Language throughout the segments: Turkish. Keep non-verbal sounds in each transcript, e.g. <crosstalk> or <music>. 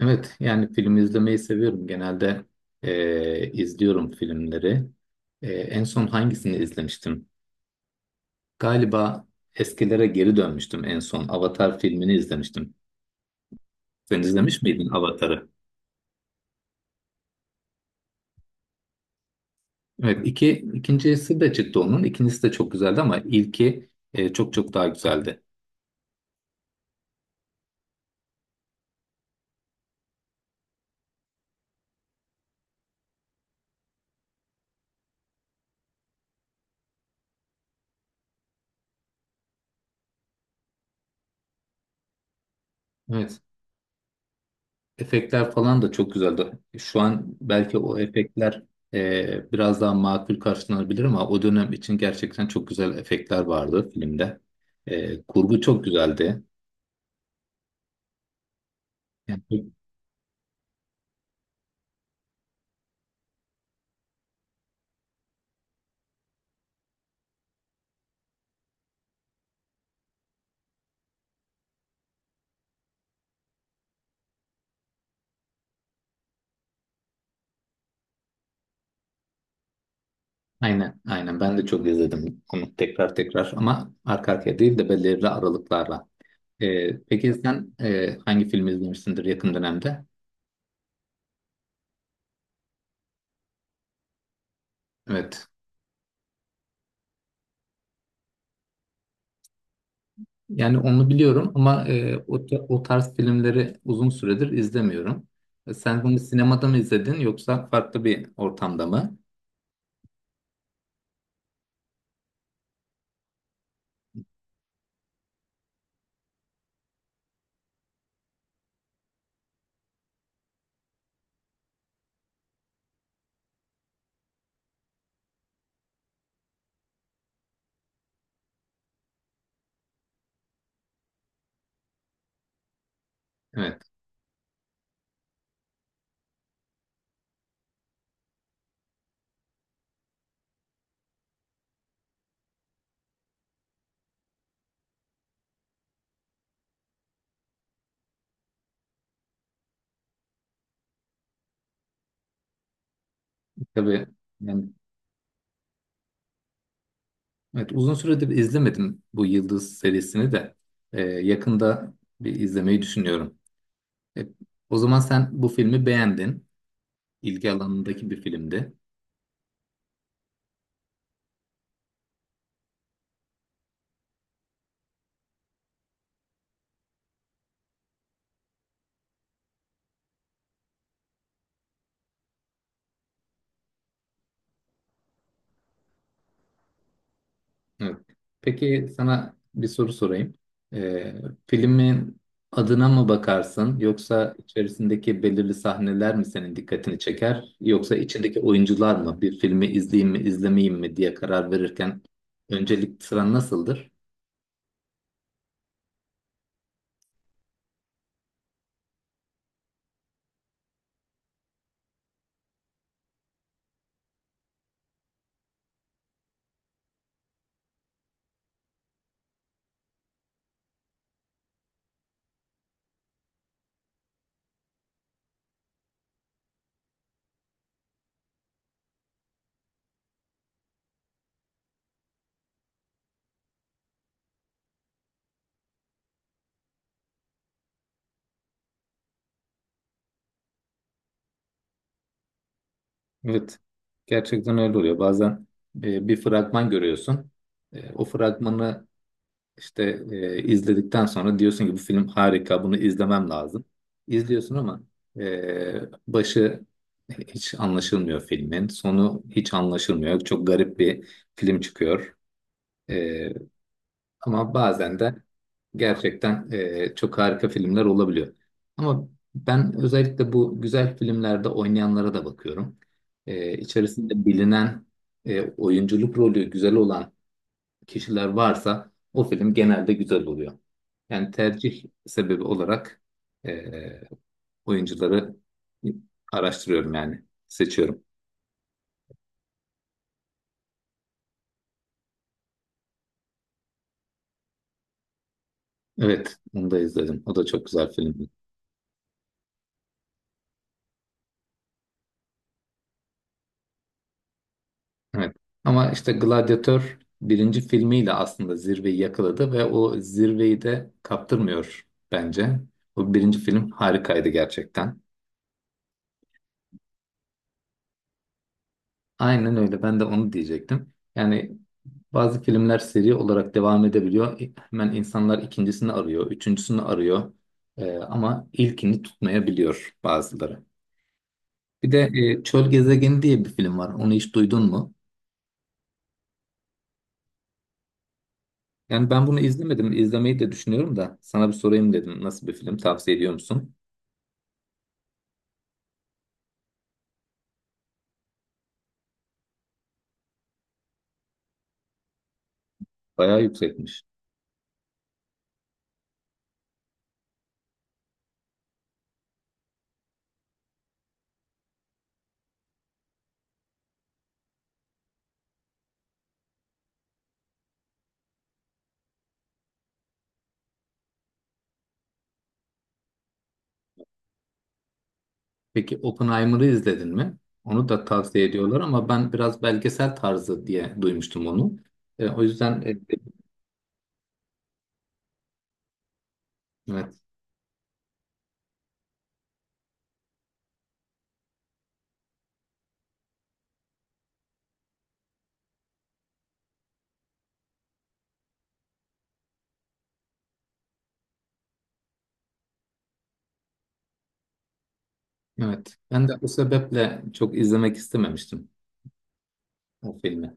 Evet, yani film izlemeyi seviyorum. Genelde izliyorum filmleri. En son hangisini izlemiştim? Galiba eskilere geri dönmüştüm en son. Avatar filmini izlemiştim. Sen izlemiş miydin Avatar'ı? Evet, ikincisi de çıktı onun. İkincisi de çok güzeldi ama ilki çok daha güzeldi. Evet. Efektler falan da çok güzeldi. Şu an belki o efektler biraz daha makul karşılanabilir ama o dönem için gerçekten çok güzel efektler vardı filmde. Kurgu çok güzeldi. Yani, çok- aynen, ben de çok izledim onu tekrar tekrar ama arka arkaya değil de belirli aralıklarla. Peki sen hangi filmi izlemişsindir yakın dönemde? Evet. Yani onu biliyorum ama o tarz filmleri uzun süredir izlemiyorum. Sen bunu sinemada mı izledin yoksa farklı bir ortamda mı? Evet, tabii. Yani, evet, uzun süredir izlemedim bu Yıldız serisini de. Yakında bir izlemeyi düşünüyorum. E, o zaman sen bu filmi beğendin. İlgi alanındaki bir filmdi. Evet. Peki sana bir soru sorayım. Ee, filmin adına mı bakarsın yoksa içerisindeki belirli sahneler mi senin dikkatini çeker yoksa içindeki oyuncular mı bir filmi izleyeyim mi izlemeyeyim mi diye karar verirken öncelik sıran nasıldır? Evet, gerçekten öyle oluyor. Bazen bir fragman görüyorsun. O fragmanı İşte izledikten sonra diyorsun ki bu film harika, bunu izlemem lazım. İzliyorsun ama e, başı hiç anlaşılmıyor filmin, sonu hiç anlaşılmıyor. Çok garip bir film çıkıyor. E, ama bazen de gerçekten çok harika filmler olabiliyor. Ama ben özellikle bu güzel filmlerde oynayanlara da bakıyorum. İçerisinde bilinen oyunculuk rolü güzel olan kişiler varsa o film genelde güzel oluyor. Yani tercih sebebi olarak eee, oyuncuları araştırıyorum yani seçiyorum. Evet, onu da izledim. O da çok güzel filmdi. Evet. Ama işte Gladiator birinci filmiyle aslında zirveyi yakaladı ve o zirveyi de kaptırmıyor bence. O birinci film harikaydı gerçekten. Aynen öyle. Ben de onu diyecektim. Yani bazı filmler seri olarak devam edebiliyor. Hemen insanlar ikincisini arıyor, üçüncüsünü arıyor. Ama ilkini tutmayabiliyor bazıları. Bir de Çöl Gezegeni diye bir film var. Onu hiç duydun mu? Yani ben bunu izlemedim. İzlemeyi de düşünüyorum da sana bir sorayım dedim. Nasıl bir film? Tavsiye ediyor musun? Bayağı yüksekmiş. Peki Oppenheimer'ı izledin mi? Onu da tavsiye ediyorlar ama ben biraz belgesel tarzı diye duymuştum onu. E, o yüzden e, evet, evet. Ben de o sebeple çok izlemek istememiştim. O filmi.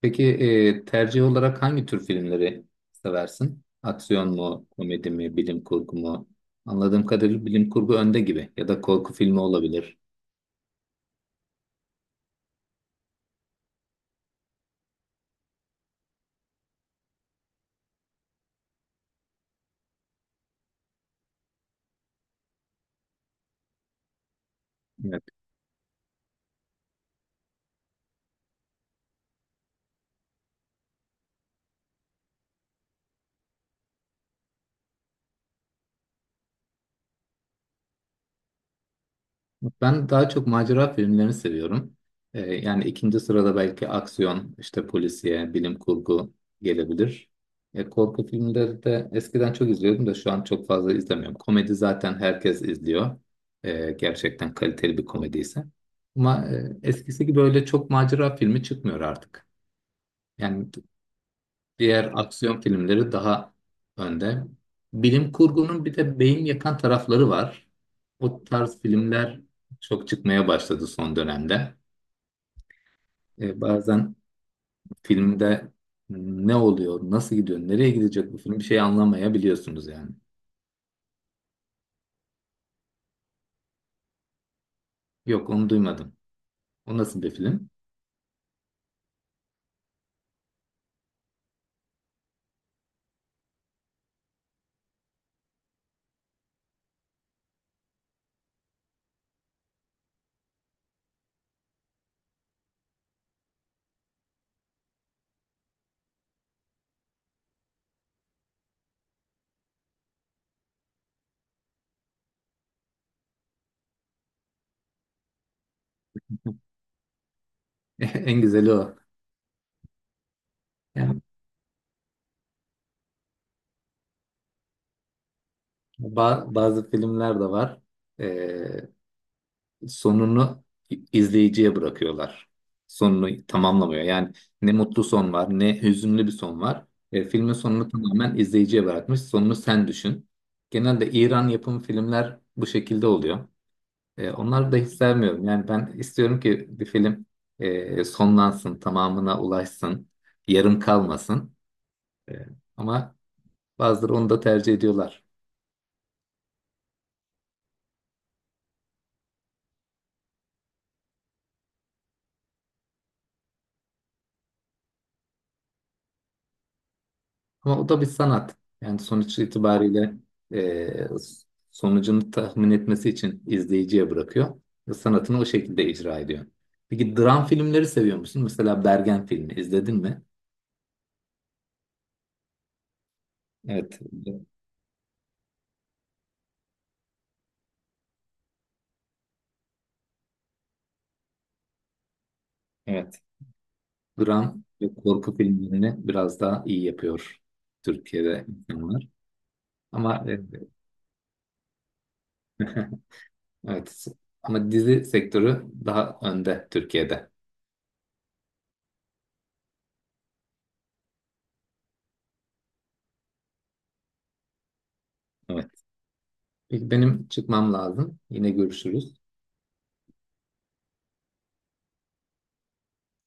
Peki tercih olarak hangi tür filmleri seversin? Aksiyon mu, komedi mi, bilim kurgu mu? Anladığım kadarıyla bilim kurgu önde gibi ya da korku filmi olabilir. Yani ben daha çok macera filmlerini seviyorum. Yani ikinci sırada belki aksiyon, işte polisiye, bilim kurgu gelebilir. Korku filmleri de eskiden çok izliyordum da şu an çok fazla izlemiyorum. Komedi zaten herkes izliyor. Gerçekten kaliteli bir komediyse. Ama eskisi gibi öyle çok macera filmi çıkmıyor artık. Yani diğer aksiyon filmleri daha önde. Bilim kurgunun bir de beyin yakan tarafları var. O tarz filmler çok çıkmaya başladı son dönemde. Bazen filmde ne oluyor, nasıl gidiyor, nereye gidecek bu film bir şey anlamayabiliyorsunuz yani. Yok onu duymadım. O nasıl bir film? <laughs> En güzeli o. Yani bazı filmler de var. E, sonunu izleyiciye bırakıyorlar. Sonunu tamamlamıyor. Yani ne mutlu son var, ne hüzünlü bir son var. Filmin sonunu tamamen izleyiciye bırakmış. Sonunu sen düşün. Genelde İran yapımı filmler bu şekilde oluyor. Onları da hiç sevmiyorum. Yani ben istiyorum ki bir film sonlansın, tamamına ulaşsın, yarım kalmasın. E, ama bazıları onu da tercih ediyorlar. Ama o da bir sanat. Yani sonuç itibariyle e, sonucunu tahmin etmesi için izleyiciye bırakıyor ve sanatını o şekilde icra ediyor. Peki dram filmleri seviyor musun? Mesela Bergen filmi izledin mi? Evet. Evet. Dram ve korku filmlerini biraz daha iyi yapıyor Türkiye'de insanlar. Ama <laughs> evet. Ama dizi sektörü daha önde Türkiye'de. Evet. Peki benim çıkmam lazım. Yine görüşürüz.